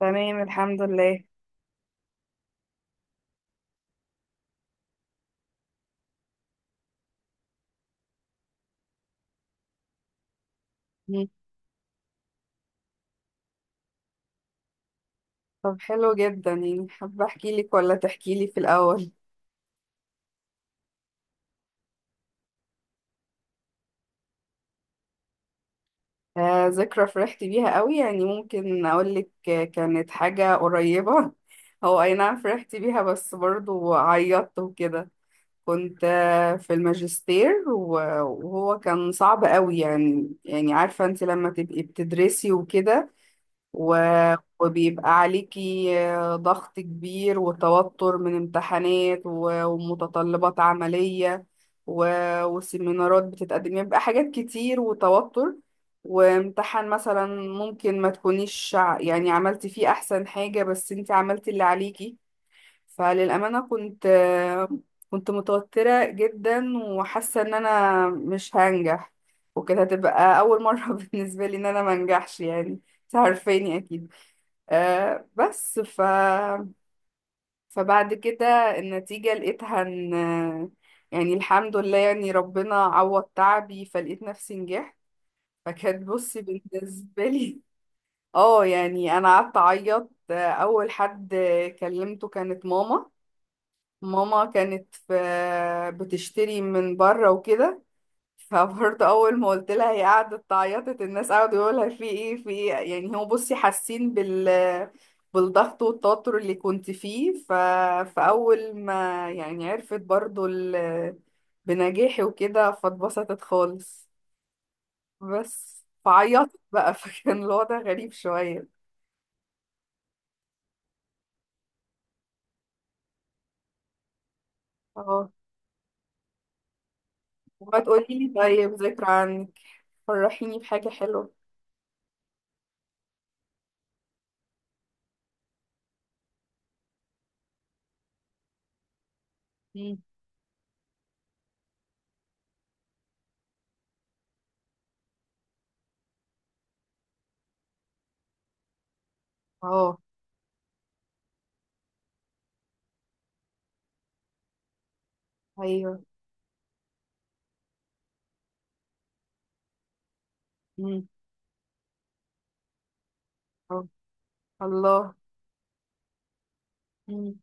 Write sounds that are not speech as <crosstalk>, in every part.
تمام، الحمد لله. مم. طب حلو جدا، يعني حابة احكي لك ولا تحكي لي في الاول؟ آه، ذكرى فرحت بيها قوي، يعني ممكن اقول لك. كانت حاجة قريبة <laughs> هو اي نعم، فرحت بيها بس برضو عيطت وكده. كنت في الماجستير وهو كان صعب قوي، يعني عارفة انت لما تبقي بتدرسي وكده، و- وبيبقى عليكي ضغط كبير وتوتر من امتحانات و- ومتطلبات عملية و- وسيمينارات بتتقدم. يبقى حاجات كتير وتوتر، وامتحان مثلا ممكن ما تكونيش يعني عملتي فيه أحسن حاجة بس انت عملتي اللي عليكي. فللأمانة كنت متوترة جدا وحاسة ان انا مش هنجح، وكانت هتبقى أول مرة <laughs> بالنسبة لي ان انا منجحش يعني. انت عارفاني اكيد. آه، بس فبعد كده النتيجة لقيتها ان، يعني الحمد لله، يعني ربنا عوض تعبي فلقيت نفسي نجحت. فكانت، بصي، بالنسبة لي <laughs> اه، يعني انا قعدت اعيط. اول حد كلمته كانت ماما. ماما كانت في بتشتري من بره وكده، فبرضه اول ما قلت لها هي قعدت تعيطت، الناس قعدوا يقولوا لها في ايه في ايه، يعني هو بصي حاسين بالضغط والتوتر اللي كنت فيه. فاول ما يعني عرفت برضه بنجاحي وكده فاتبسطت خالص، بس فعيطت بقى <laughs> فكان الوضع غريب شوية. اه. وهتقولي لي طيب ذكرى عنك، فرحيني بحاجة حلوة. مم. اه. ايوه. مم. اه. الله. مم.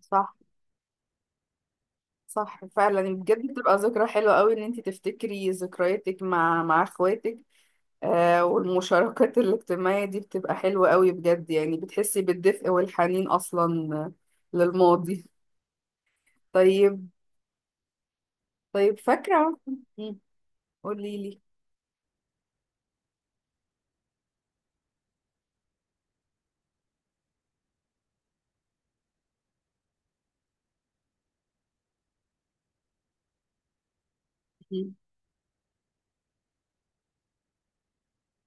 صح. صح فعلا، يعني بجد بتبقى ذكرى حلوة قوي ان انت تفتكري ذكرياتك مع اخواتك. والمشاركات الاجتماعية دي بتبقى حلوة قوي بجد، يعني بتحسي بالدفء والحنين اصلا للماضي. طيب. طيب، فاكرة؟ مم. قوليلي. مم.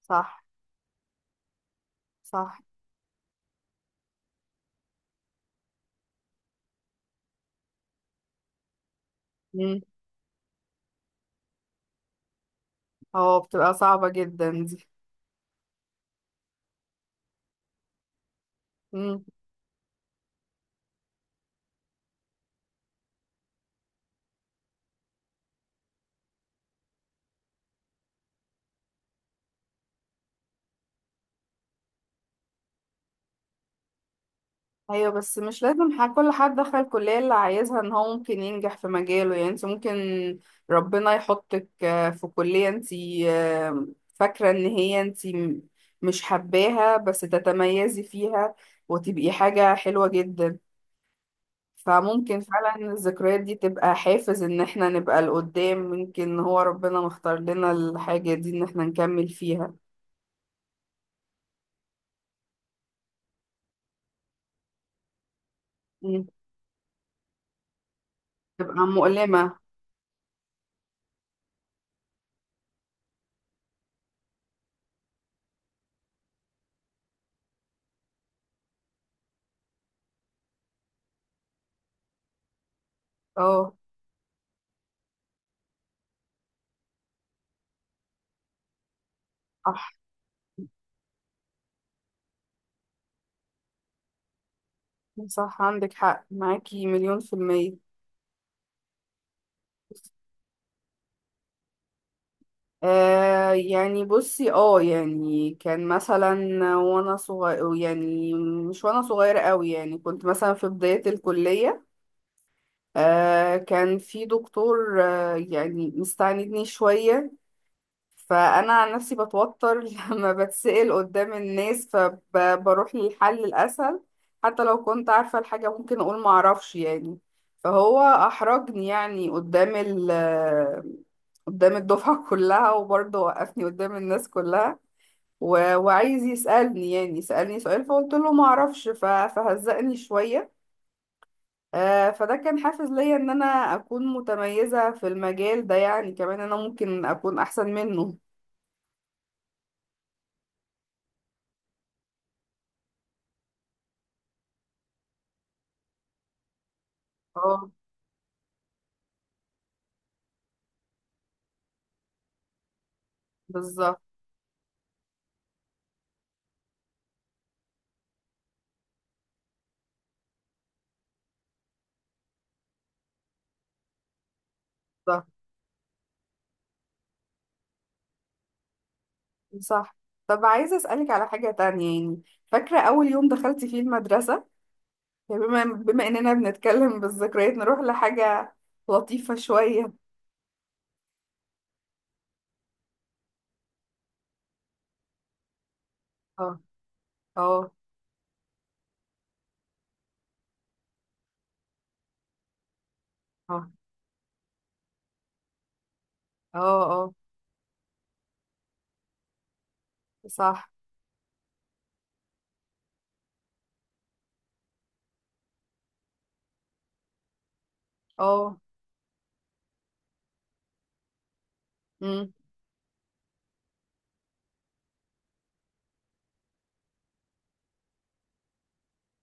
صح. صح. مم. اه، بتبقى صعبة جدا دي. مم. ايوه، بس مش لازم كل حد دخل الكلية اللي عايزها ان هو ممكن ينجح في مجاله، يعني انت ممكن ربنا يحطك في كلية انت آه، فاكرة ان هي انت مش حباها بس تتميزي فيها، وتبقي حاجة حلوة جدا. فممكن فعلا الذكريات دي تبقى حافز ان احنا نبقى لقدام، ممكن هو ربنا مختار لنا الحاجة دي ان احنا نكمل فيها. مم. تبقى مؤلمة. اه. صح. صح، عندك حق، معاكي 1,000,000%. آه، يعني بصي، يعني كان مثلا وانا صغير، يعني مش وانا صغيرة قوي، يعني كنت مثلا في بداية الكلية. آه، كان في دكتور يعني مستعندني شوية، فانا عن نفسي بتوتر <laughs> لما بتسأل قدام الناس، فبروح للحل الاسهل. حتى لو كنت عارفة الحاجة ممكن اقول معرفش يعني. فهو احرجني يعني قدام الدفعة <laughs> كلها، وبرضه وقفني قدام الناس كلها و... وعايز يسألني، يعني سألني سؤال فقلت له ما اعرفش ف... فهزقني شوية. فده كان حافز ليا ان انا اكون متميزة في المجال ده، يعني كمان انا ممكن اكون احسن منه. اه، بالظبط. صح. صح. طب عايزة اسألك على حاجة تانية يعني، فاكرة اول يوم دخلت فيه المدرسة؟ يعني بما اننا بنتكلم بالذكريات نروح لحاجة لطيفة شوية. اه. اه. اه. اه. صح. اه. امم.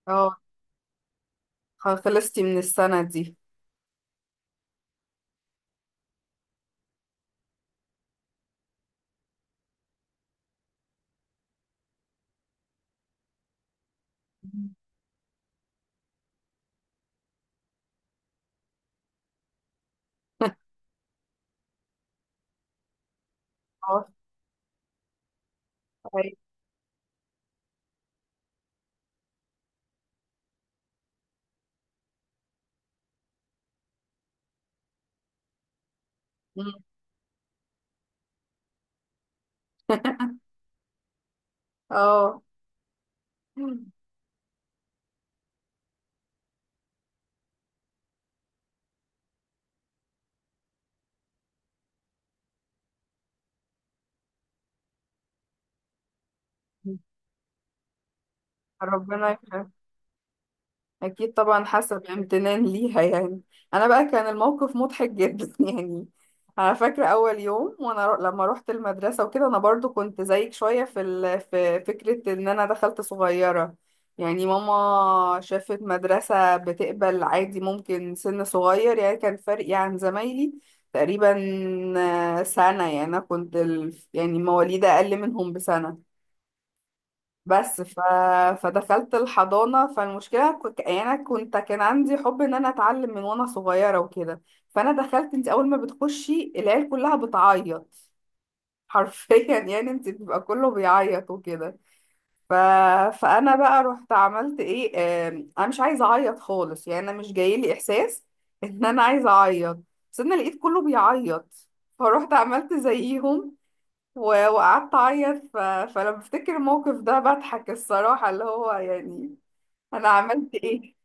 اه. خلصتي من السنة دي؟ <laughs> اه. صحيح. مم. اه. ربنا يخليك. أكيد طبعا، حسب امتنان ليها يعني. أنا بقى كان الموقف مضحك جدا <laughs> يعني. أنا فاكرة أول يوم، وأنا لما روحت المدرسة وكده، أنا برضو كنت زيك شوية في في فكرة إن أنا دخلت صغيرة. يعني ماما شافت مدرسة بتقبل عادي ممكن سن صغير، يعني كان فرقي عن زمايلي تقريبا سنة. يعني أنا كنت يعني مواليد أقل منهم بسنة، بس فدخلت الحضانة. فالمشكلة يعني أنا كنت كان عندي حب إن أنا أتعلم من وأنا صغيرة وكده. فأنا دخلت، أنت أول ما بتخشي العيال كلها بتعيط حرفيا <laughs> يعني أنت بيبقى كله بيعيط وكده. ف... فأنا بقى رحت عملت إيه، أنا مش عايزة أعيط خالص، يعني أنا مش جايلي إحساس <laughs> إن أنا عايزة أعيط. بس أنا لقيت كله بيعيط، فروحت عملت زيهم و- وقعدت اعيط. فلما بفتكر الموقف ده بضحك الصراحة، اللي هو يعني انا عملت ايه.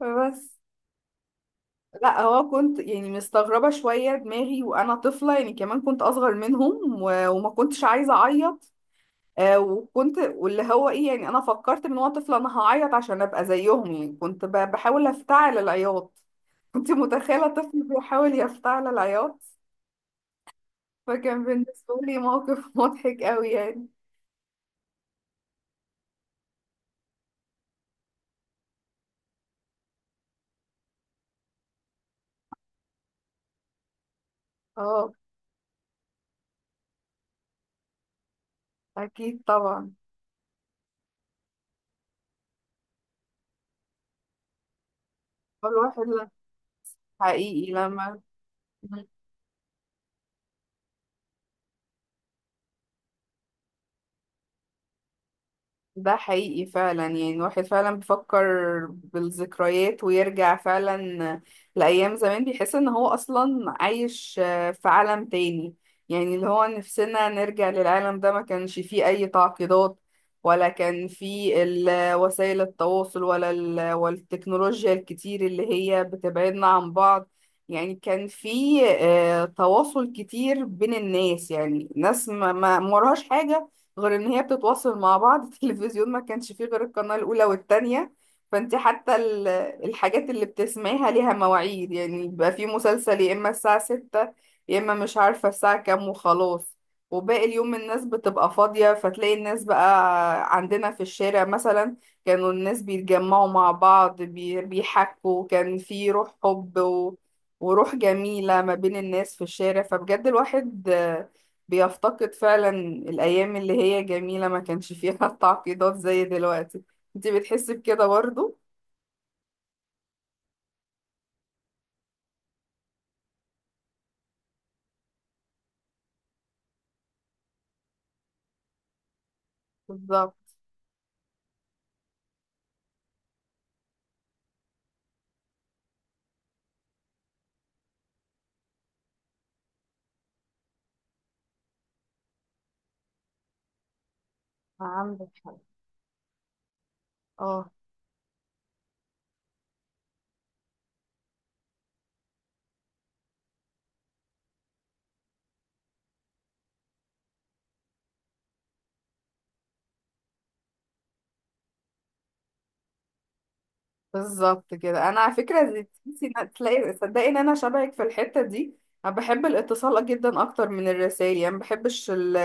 بس لا، هو كنت يعني مستغربة شوية دماغي وأنا طفلة، يعني كمان كنت أصغر منهم و- وما كنتش عايزة أعيط. وكنت واللي هو إيه، يعني أنا فكرت من وأنا طفلة أنا هعيط عشان أبقى زيهم. يعني كنت ب- بحاول أفتعل العياط، كنت متخيلة طفل بيحاول يفتعل العياط. فكان بالنسبة لي موقف <laughs> مضحك قوي يعني. اه. أكيد طبعا. الواحد، لا. حقيقي لما. ده حقيقي فعلا، يعني الواحد فعلا بيفكر بالذكريات ويرجع فعلا لأيام زمان، بيحس ان هو اصلا عايش في عالم تاني. يعني اللي هو نفسنا نرجع للعالم ده، ما كانش فيه اي تعقيدات، ولا كان فيه وسائل التواصل، ولا ال- والتكنولوجيا الكتير اللي هي بتبعدنا عن بعض. يعني كان فيه تواصل كتير بين الناس، يعني ناس ما وراهاش حاجة غير ان هي بتتواصل مع بعض <laughs> التلفزيون ما كانش فيه غير القناة الاولى والتانية. فانت حتى الحاجات اللي بتسمعيها ليها مواعيد، يعني بيبقى فيه مسلسل يا اما الساعة 6 يا اما مش عارفة الساعة كام وخلاص. وباقي اليوم الناس بتبقى فاضية، فتلاقي الناس بقى عندنا في الشارع مثلا. كانوا الناس بيتجمعوا مع بعض بي- بيحكوا، كان في روح حب وروح جميلة ما بين الناس في الشارع. فبجد الواحد بيفتقد فعلا الأيام اللي هي جميلة ما كانش فيها <laughs> تعقيدات زي دلوقتي. انت بتحسي بكده برضو؟ بالظبط. عندك حق. اه بالظبط كده، انا على فكره، تحسي تلاقي صدقي ان انا شبهك في الحته دي. انا بحب الاتصال جدا اكتر من الرسائل، يعني ما بحبش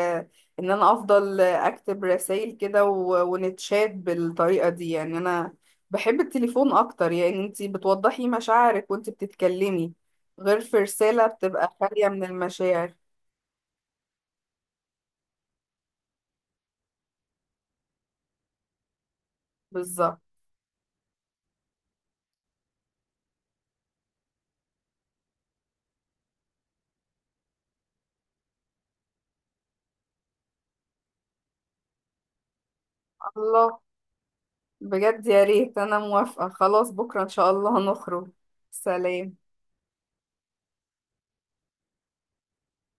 ان انا افضل اكتب رسائل كده و- ونتشات بالطريقه دي. يعني انا بحب التليفون اكتر، يعني انتي بتوضحي مشاعرك وانتي بتتكلمي غير في رساله بتبقى خاليه من المشاعر. بالظبط. الله. بجد يا ريت، انا موافقه. خلاص بكره ان شاء الله هنخرج. سلام.